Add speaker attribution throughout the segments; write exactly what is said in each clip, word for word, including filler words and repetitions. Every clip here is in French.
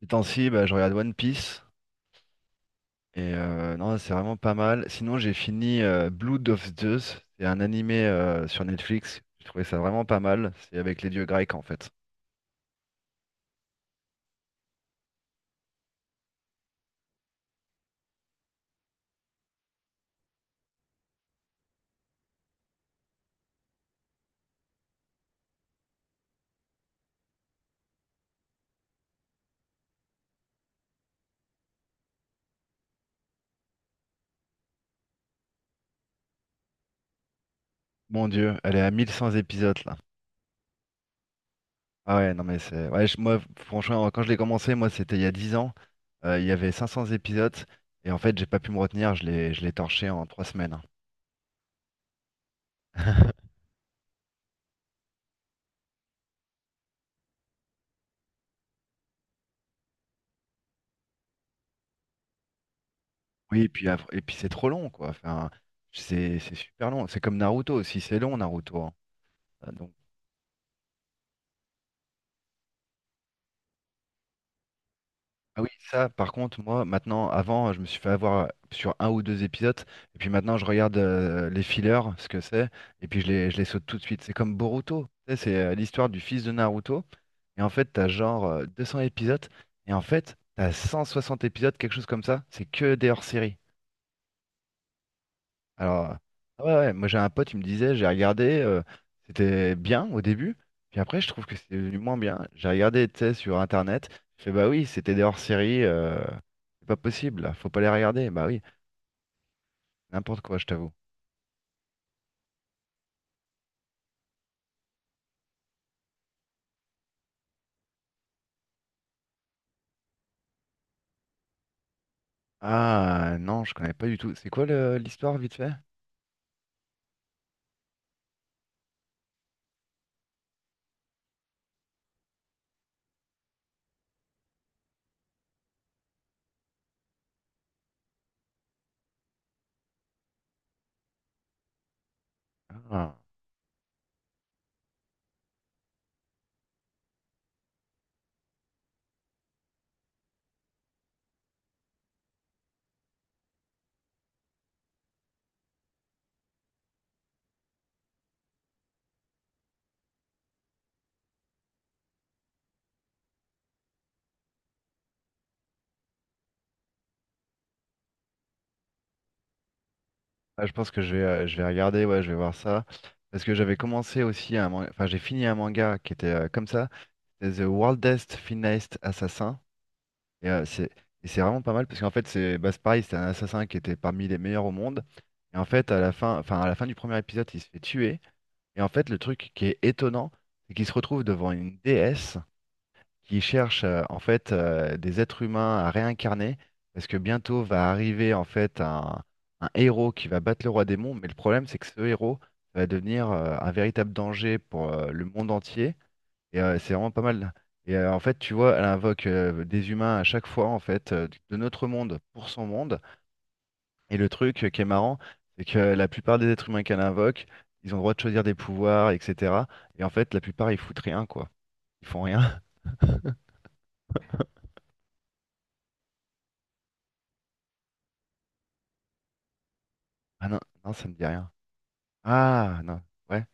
Speaker 1: Ces temps-ci, bah, je regarde One Piece et euh, non, c'est vraiment pas mal. Sinon, j'ai fini euh, Blood of Zeus. C'est un animé euh, sur Netflix. J'ai trouvé ça vraiment pas mal. C'est avec les dieux grecs en fait. Mon Dieu, elle est à mille cent épisodes là. Ah ouais, non mais c'est. Ouais, je- moi, franchement, quand je l'ai commencé, moi, c'était il y a dix ans. Euh, il y avait cinq cents épisodes et en fait, j'ai pas pu me retenir. Je l'ai, je l'ai torché en trois semaines. Oui, et puis, après- et puis c'est trop long quoi. Enfin, c'est c'est super long. C'est comme Naruto aussi. C'est long Naruto, hein. Ah oui, ça, par contre, moi, maintenant, avant, je me suis fait avoir sur un ou deux épisodes, et puis maintenant, je regarde euh, les fillers, ce que c'est, et puis je les, je les saute tout de suite. C'est comme Boruto, tu sais, c'est euh, l'histoire du fils de Naruto, et en fait, t'as genre euh, deux cents épisodes, et en fait, t'as cent soixante épisodes, quelque chose comme ça, c'est que des hors-séries. Alors, euh, ah ouais, ouais, moi j'ai un pote, il me disait, j'ai regardé, euh, c'était bien au début, puis après je trouve que c'est devenu moins bien. J'ai regardé, tu sais, sur internet, je fais bah oui, c'était des hors-séries, euh, c'est pas possible, là, faut pas les regarder, bah oui, n'importe quoi, je t'avoue. Ah non, je connais pas du tout. C'est quoi le- l'histoire vite fait? Ah. Ah, je pense que je vais, euh, je vais regarder, ouais, je vais voir ça. Parce que j'avais commencé aussi un manga, enfin j'ai fini un manga qui était euh, comme ça, c'est The Wildest Finest Assassin. Et euh, c'est et c'est vraiment pas mal parce qu'en fait, c'est bah, c'est pareil, c'était un assassin qui était parmi les meilleurs au monde. Et en fait, à la fin, enfin, à la fin du premier épisode, il se fait tuer. Et en fait, le truc qui est étonnant, c'est qu'il se retrouve devant une déesse qui cherche euh, en fait euh, des êtres humains à réincarner parce que bientôt va arriver en fait un, un héros qui va battre le roi démon. Mais le problème, c'est que ce héros va devenir euh, un véritable danger pour euh, le monde entier. Et euh, c'est vraiment pas mal. Et euh, en fait, tu vois, elle invoque euh, des humains à chaque fois, en fait, euh, de notre monde pour son monde. Et le truc euh, qui est marrant, c'est que euh, la plupart des êtres humains qu'elle invoque, ils ont le droit de choisir des pouvoirs, et cetera. Et en fait, la plupart, ils foutent rien, quoi. Ils font rien. Ah non, non, ça me dit rien. Ah non, ouais,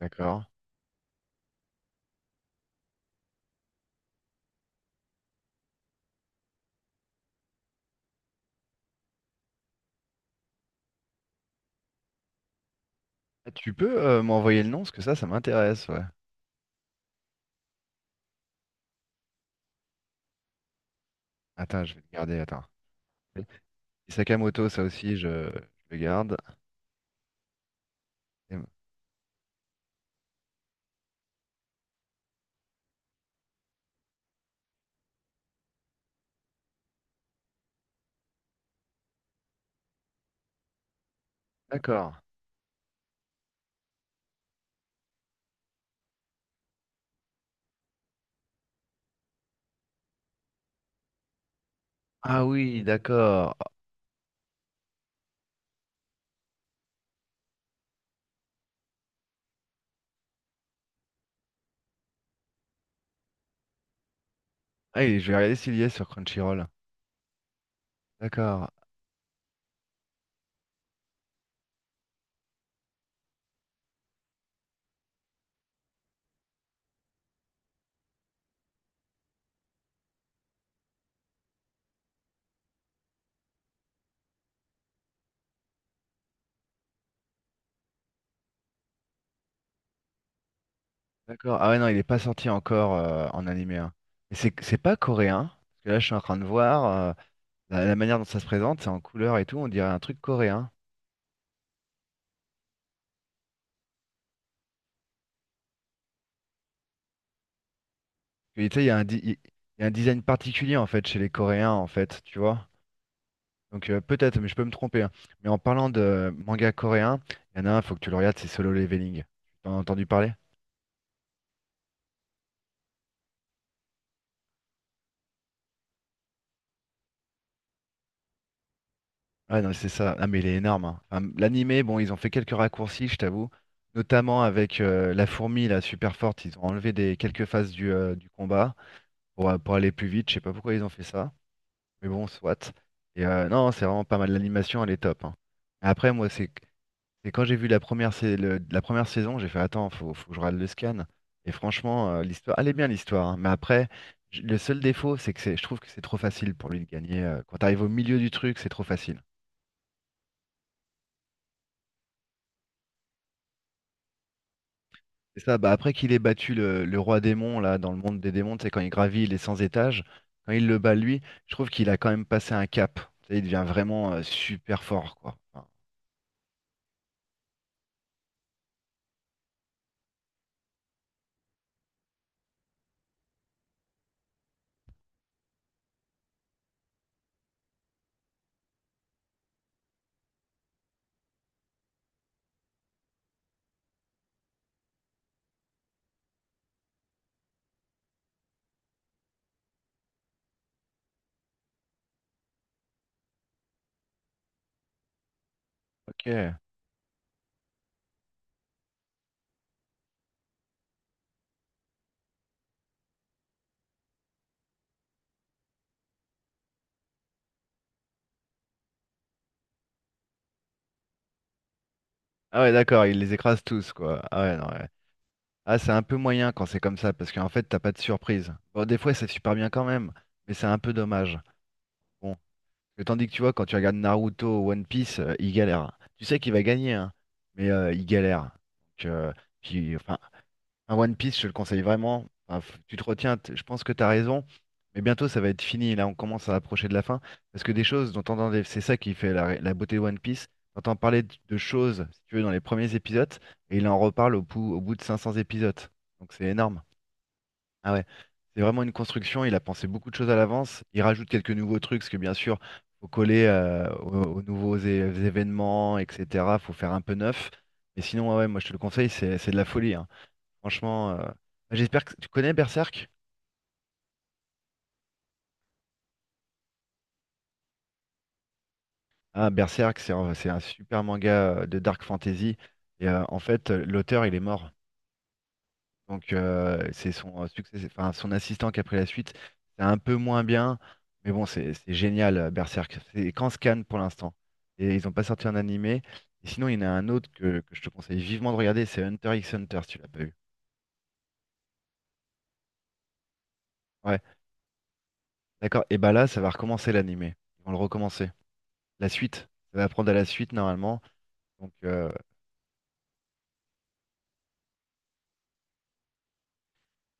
Speaker 1: d'accord. Ah, tu peux euh, m'envoyer le nom, parce que ça, ça m'intéresse, ouais. Attends, je vais le garder, attends. Et Sakamoto, ça aussi, je, je le garde. Et- D'accord. Ah oui, d'accord. Ah, il- je vais regarder s'il y est sur Crunchyroll. D'accord, d'accord. Ah ouais, non, il est pas sorti encore euh, en animé, hein. Et c'est c'est pas coréen, parce que là, je suis en train de voir euh, la, la manière dont ça se présente, c'est en couleur et tout, on dirait un truc coréen. Parce que, tu sais, il y a un, di- il il y a un design particulier, en fait, chez les Coréens, en fait, tu vois. Donc euh, peut-être, mais je peux me tromper, hein. Mais en parlant de manga coréen, il y en a un, faut que tu le regardes, c'est Solo Leveling. T'en as entendu parler? Ah non, c'est ça. Ah mais il est énorme, hein. Enfin, l'animé, bon, ils ont fait quelques raccourcis, je t'avoue. Notamment avec euh, la fourmi, la super forte, ils ont enlevé des quelques phases du, euh, du combat pour, euh, pour aller plus vite. Je sais pas pourquoi ils ont fait ça, mais bon, soit. Et euh, non, c'est vraiment pas mal. L'animation, elle est top, hein. Après, moi, c'est c'est quand j'ai vu la première, sai- le- la première saison, j'ai fait attends, faut, faut que je rate le scan. Et franchement, euh, l'histoire, elle est bien l'histoire, hein. Mais après, j- le seul défaut, c'est que c'est- je trouve que c'est trop facile pour lui de gagner. Euh, quand t'arrives au milieu du truc, c'est trop facile. C'est ça, bah après qu'il ait battu le, le roi démon là dans le monde des démons, c'est quand il gravit les cent étages, quand il le bat lui, je trouve qu'il a quand même passé un cap. Tu sais, il devient vraiment euh, super fort quoi. Enfin, ok. Ah ouais d'accord, il les écrase tous quoi. Ah ouais non ouais. Ah c'est un peu moyen quand c'est comme ça parce qu'en fait t'as pas de surprise. Bon des fois c'est super bien quand même, mais c'est un peu dommage. Bon. Et tandis que tu vois quand tu regardes Naruto ou One Piece, euh, il galère. Tu sais qu'il va gagner hein, mais euh, il galère. Donc, euh, puis enfin un One Piece, je te le conseille vraiment. Enfin, f- tu te retiens, t- je pense que tu as raison, mais bientôt ça va être fini. Là, on commence à approcher de la fin. Parce que des choses dont on entendait, c'est ça qui fait la, ré- la beauté de One Piece. T'entends parler de de choses, si tu veux, dans les premiers épisodes, et il en reparle au, pou- au bout de cinq cents épisodes. Donc c'est énorme. Ah ouais, c'est vraiment une construction. Il a pensé beaucoup de choses à l'avance. Il rajoute quelques nouveaux trucs, parce que bien sûr, faut coller euh, aux, aux nouveaux é- événements, et cetera. Faut faire un peu neuf. Mais sinon, ouais, ouais, moi je te le conseille, c'est c'est de la folie, hein. Franchement, euh, bah, j'espère que tu connais Berserk. Ah, Berserk, c'est un, c'est un super manga euh, de dark fantasy. Et euh, en fait, euh, l'auteur, il est mort. Donc, euh, c'est son euh, succès, enfin, son assistant qui a pris la suite. C'est un peu moins bien, mais bon, c'est c'est génial, euh, Berserk. C'est qu'en scan pour l'instant. Et ils n'ont pas sorti un animé. Et sinon, il y en a un autre que, que je te conseille vivement de regarder, c'est Hunter x Hunter, si tu l'as pas vu. Ouais, d'accord. Et bah là, ça va recommencer l'animé. Ils vont le recommencer. La suite. Ça va prendre à la suite, normalement. Donc, euh,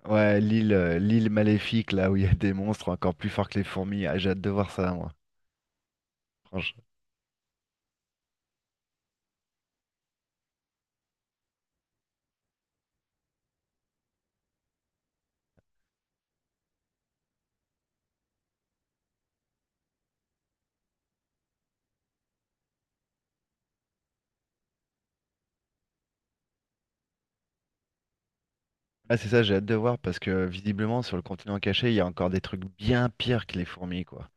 Speaker 1: ouais, l'île, euh, l'île maléfique, là où il y a des monstres encore plus forts que les fourmis. Ah, j'ai hâte de voir ça, moi. Franchement. Ah, c'est ça, j'ai hâte de voir parce que visiblement, sur le continent caché, il y a encore des trucs bien pires que les fourmis, quoi.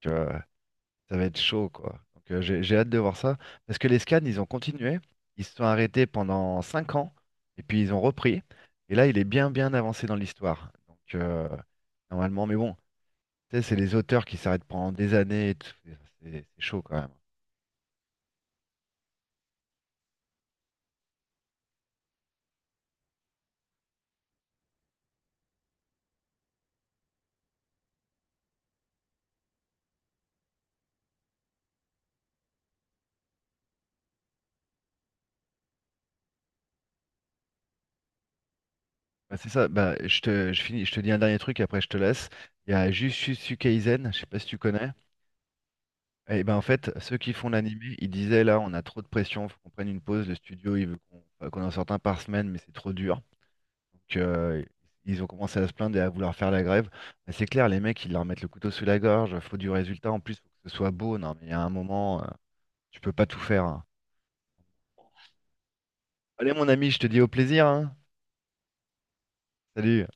Speaker 1: Tu vois, ça va être chaud, quoi. Donc, euh, j'ai, j'ai hâte de voir ça parce que les scans, ils ont continué. Ils se sont arrêtés pendant cinq ans et puis ils ont repris. Et là, il est bien, bien avancé dans l'histoire. Donc, euh, normalement, mais bon, tu sais, c'est les auteurs qui s'arrêtent pendant des années et tout. C'est c'est chaud, quand même, hein. Bah, c'est ça, bah, je te, je finis, je te dis un dernier truc, après je te laisse. Il y a Jujutsu Kaisen, je sais pas si tu connais. Et ben en fait, ceux qui font l'anime, ils disaient là, on a trop de pression, faut qu'on prenne une pause. Le studio, il veut qu'on enfin, qu'on en sorte un par semaine, mais c'est trop dur. Donc euh, ils ont commencé à se plaindre et à vouloir faire la grève. Mais c'est clair, les mecs, ils leur mettent le couteau sous la gorge, faut du résultat en plus, faut que ce soit beau. Non, mais il y a un moment, euh, tu peux pas tout faire, hein. Allez mon ami, je te dis au plaisir, hein. Salut.